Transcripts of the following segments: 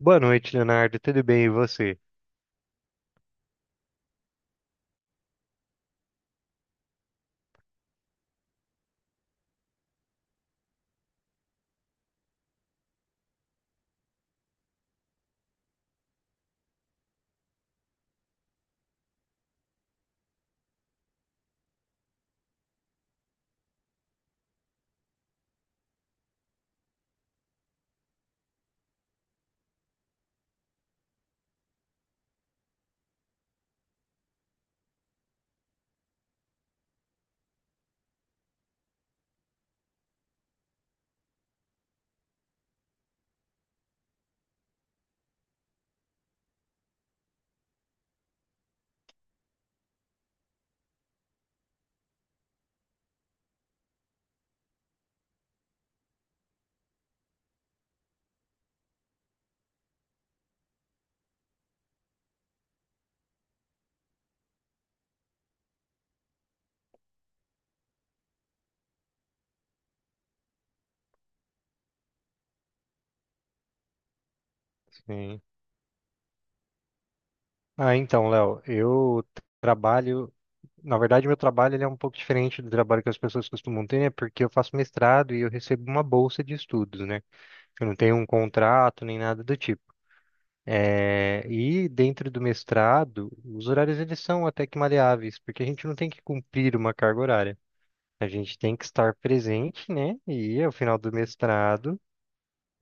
Boa noite, Leonardo. Tudo bem, e você? Sim. Então, Léo, eu trabalho. Na verdade, meu trabalho ele é um pouco diferente do trabalho que as pessoas costumam ter, né? Porque eu faço mestrado e eu recebo uma bolsa de estudos, né? Eu não tenho um contrato nem nada do tipo. E dentro do mestrado, os horários eles são até que maleáveis, porque a gente não tem que cumprir uma carga horária. A gente tem que estar presente, né? E ao final do mestrado,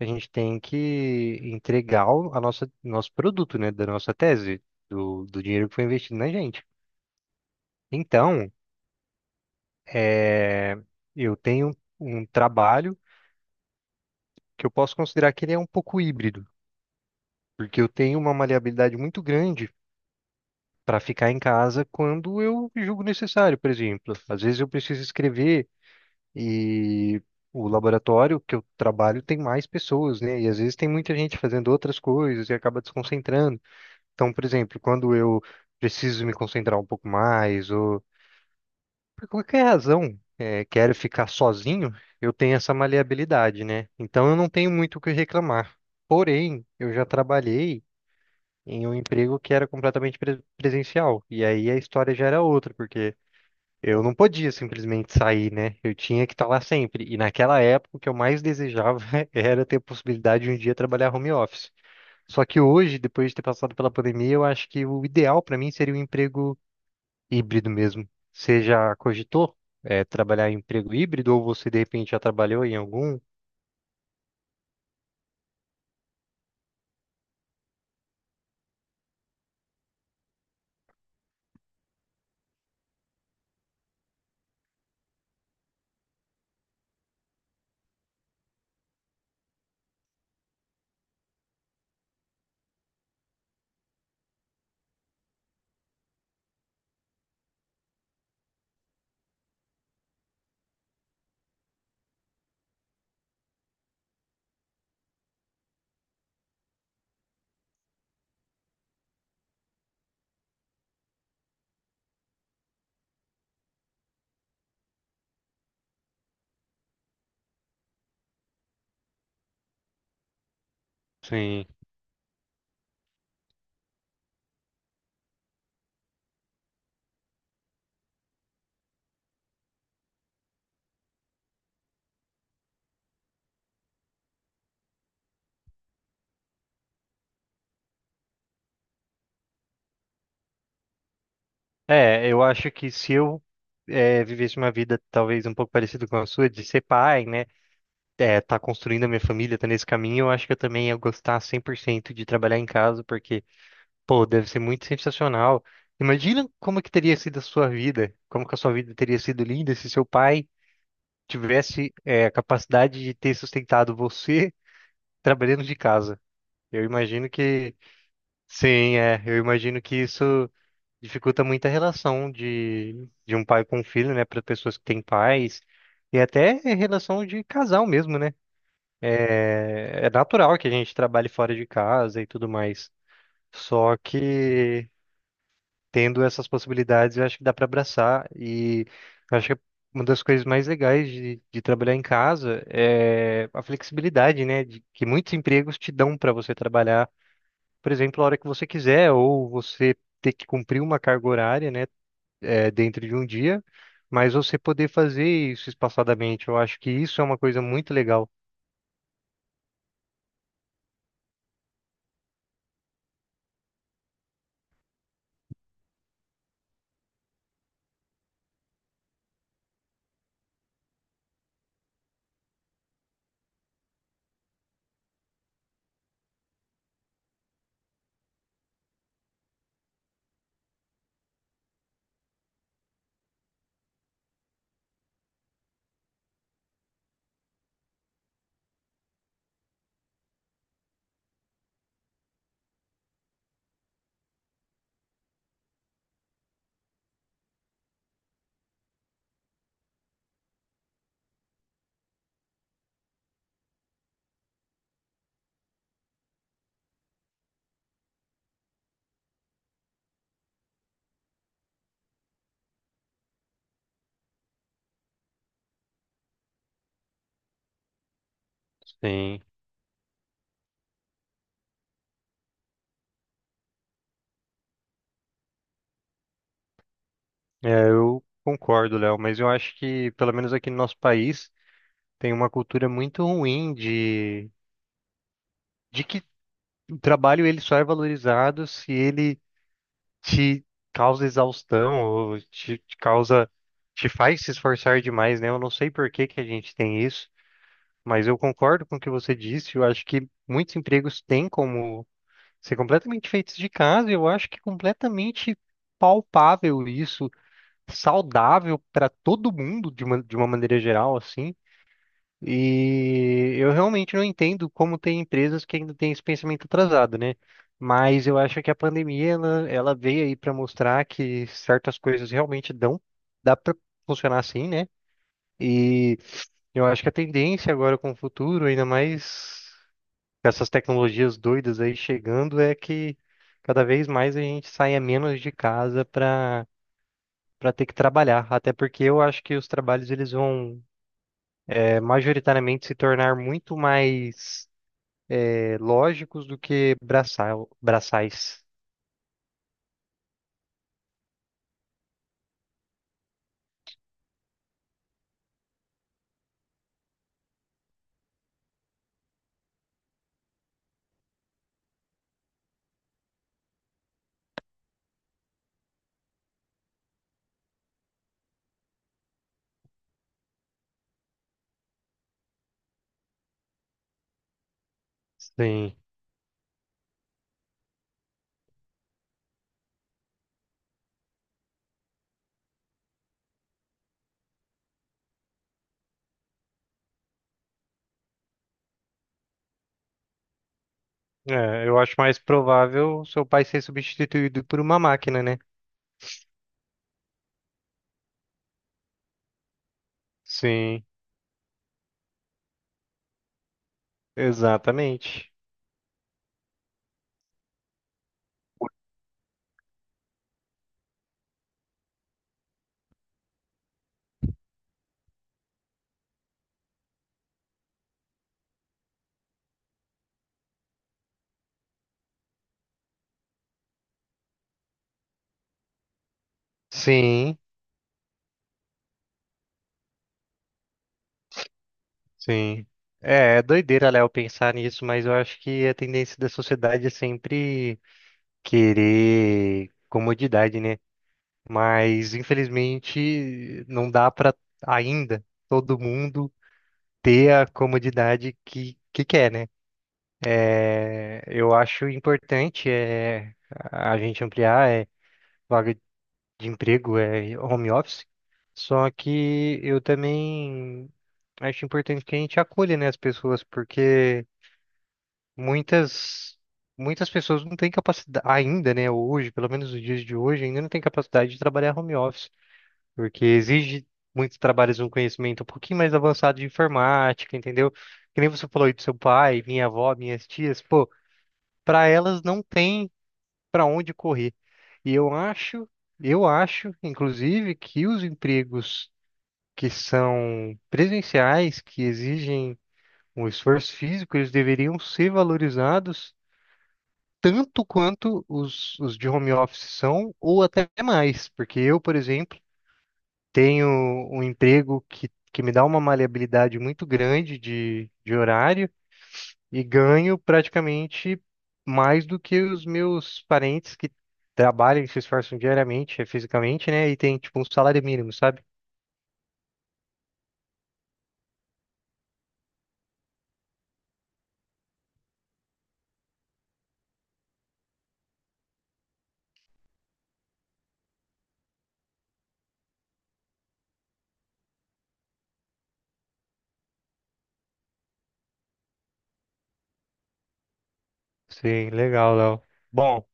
a gente tem que entregar o nosso produto, né? Da nossa tese, do dinheiro que foi investido na gente. Então, é, eu tenho um trabalho que eu posso considerar que ele é um pouco híbrido, porque eu tenho uma maleabilidade muito grande para ficar em casa quando eu julgo necessário, por exemplo. Às vezes eu preciso escrever e o laboratório que eu trabalho tem mais pessoas, né? E às vezes tem muita gente fazendo outras coisas e acaba desconcentrando. Então, por exemplo, quando eu preciso me concentrar um pouco mais, ou por qualquer razão, quero ficar sozinho, eu tenho essa maleabilidade, né? Então, eu não tenho muito o que reclamar. Porém, eu já trabalhei em um emprego que era completamente presencial. E aí a história já era outra, porque eu não podia simplesmente sair, né? Eu tinha que estar lá sempre. E naquela época, o que eu mais desejava era ter a possibilidade de um dia trabalhar home office. Só que hoje, depois de ter passado pela pandemia, eu acho que o ideal para mim seria um emprego híbrido mesmo. Você já cogitou, trabalhar em emprego híbrido ou você de repente já trabalhou em algum? Sim. É, eu acho que se eu vivesse uma vida talvez um pouco parecida com a sua, de ser pai, né? É, tá construindo a minha família, tá nesse caminho, eu acho que eu também ia gostar 100% de trabalhar em casa, porque, pô, deve ser muito sensacional. Imagina como que teria sido a sua vida, como que a sua vida teria sido linda se seu pai tivesse a capacidade de ter sustentado você trabalhando de casa. Eu imagino que sim, é. Eu imagino que isso dificulta muito a relação de um pai com um filho, né, para pessoas que têm pais e até a relação de casal mesmo, né? É, é natural que a gente trabalhe fora de casa e tudo mais. Só que tendo essas possibilidades, eu acho que dá para abraçar e eu acho que é uma das coisas mais legais de trabalhar em casa a flexibilidade, né, de, que muitos empregos te dão para você trabalhar, por exemplo, a hora que você quiser, ou você ter que cumprir uma carga horária, né, dentro de um dia, mas você poder fazer isso espaçadamente. Eu acho que isso é uma coisa muito legal. Sim, é, eu concordo, Léo, mas eu acho que, pelo menos aqui no nosso país, tem uma cultura muito ruim de que o trabalho ele só é valorizado se ele te causa exaustão, ou te causa, te faz se esforçar demais, né? Eu não sei por que que a gente tem isso, mas eu concordo com o que você disse. Eu acho que muitos empregos têm como ser completamente feitos de casa. Eu acho que é completamente palpável isso, saudável para todo mundo de de uma maneira geral, assim. E eu realmente não entendo como tem empresas que ainda têm esse pensamento atrasado, né? Mas eu acho que a pandemia ela veio aí para mostrar que certas coisas realmente dão, dá para funcionar assim, né? E eu acho que a tendência agora com o futuro, ainda mais com essas tecnologias doidas aí chegando, é que cada vez mais a gente saia menos de casa para ter que trabalhar. Até porque eu acho que os trabalhos eles vão majoritariamente se tornar muito mais lógicos do que braçais. Sim. É, eu acho mais provável seu pai ser substituído por uma máquina, né? Sim, exatamente. Sim, sim. É, é doideira, Léo, pensar nisso, mas eu acho que a tendência da sociedade é sempre querer comodidade, né? Mas, infelizmente, não dá para ainda todo mundo ter a comodidade que quer, né? É, eu acho importante a gente ampliar vaga de emprego, é home office. Só que eu também acho importante que a gente acolha, né, as pessoas, porque muitas muitas pessoas não têm capacidade ainda, né, hoje, pelo menos nos dias de hoje, ainda não têm capacidade de trabalhar home office, porque exige muitos trabalhos um conhecimento um pouquinho mais avançado de informática, entendeu? Que nem você falou aí do seu pai, minha avó, minhas tias, pô, para elas não tem para onde correr. E eu acho, eu acho, inclusive, que os empregos que são presenciais, que exigem um esforço físico, eles deveriam ser valorizados tanto quanto os de home office são, ou até mais, porque eu, por exemplo, tenho um emprego que me dá uma maleabilidade muito grande de horário. E ganho praticamente mais do que os meus parentes que trabalham e se esforçam diariamente, fisicamente, né? E tem tipo um salário mínimo, sabe? Sim, legal, Léo. Bom,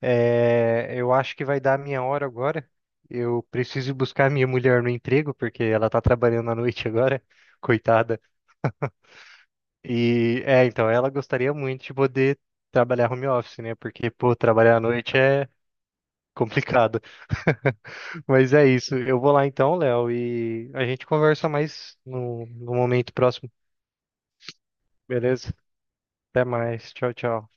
eu acho que vai dar a minha hora agora. Eu preciso ir buscar minha mulher no emprego, porque ela tá trabalhando à noite agora, coitada. E é, então, ela gostaria muito de poder trabalhar home office, né? Porque, pô, trabalhar à noite é complicado. Mas é isso. Eu vou lá então, Léo, e a gente conversa mais no, no momento próximo, beleza? Até mais. Tchau, tchau.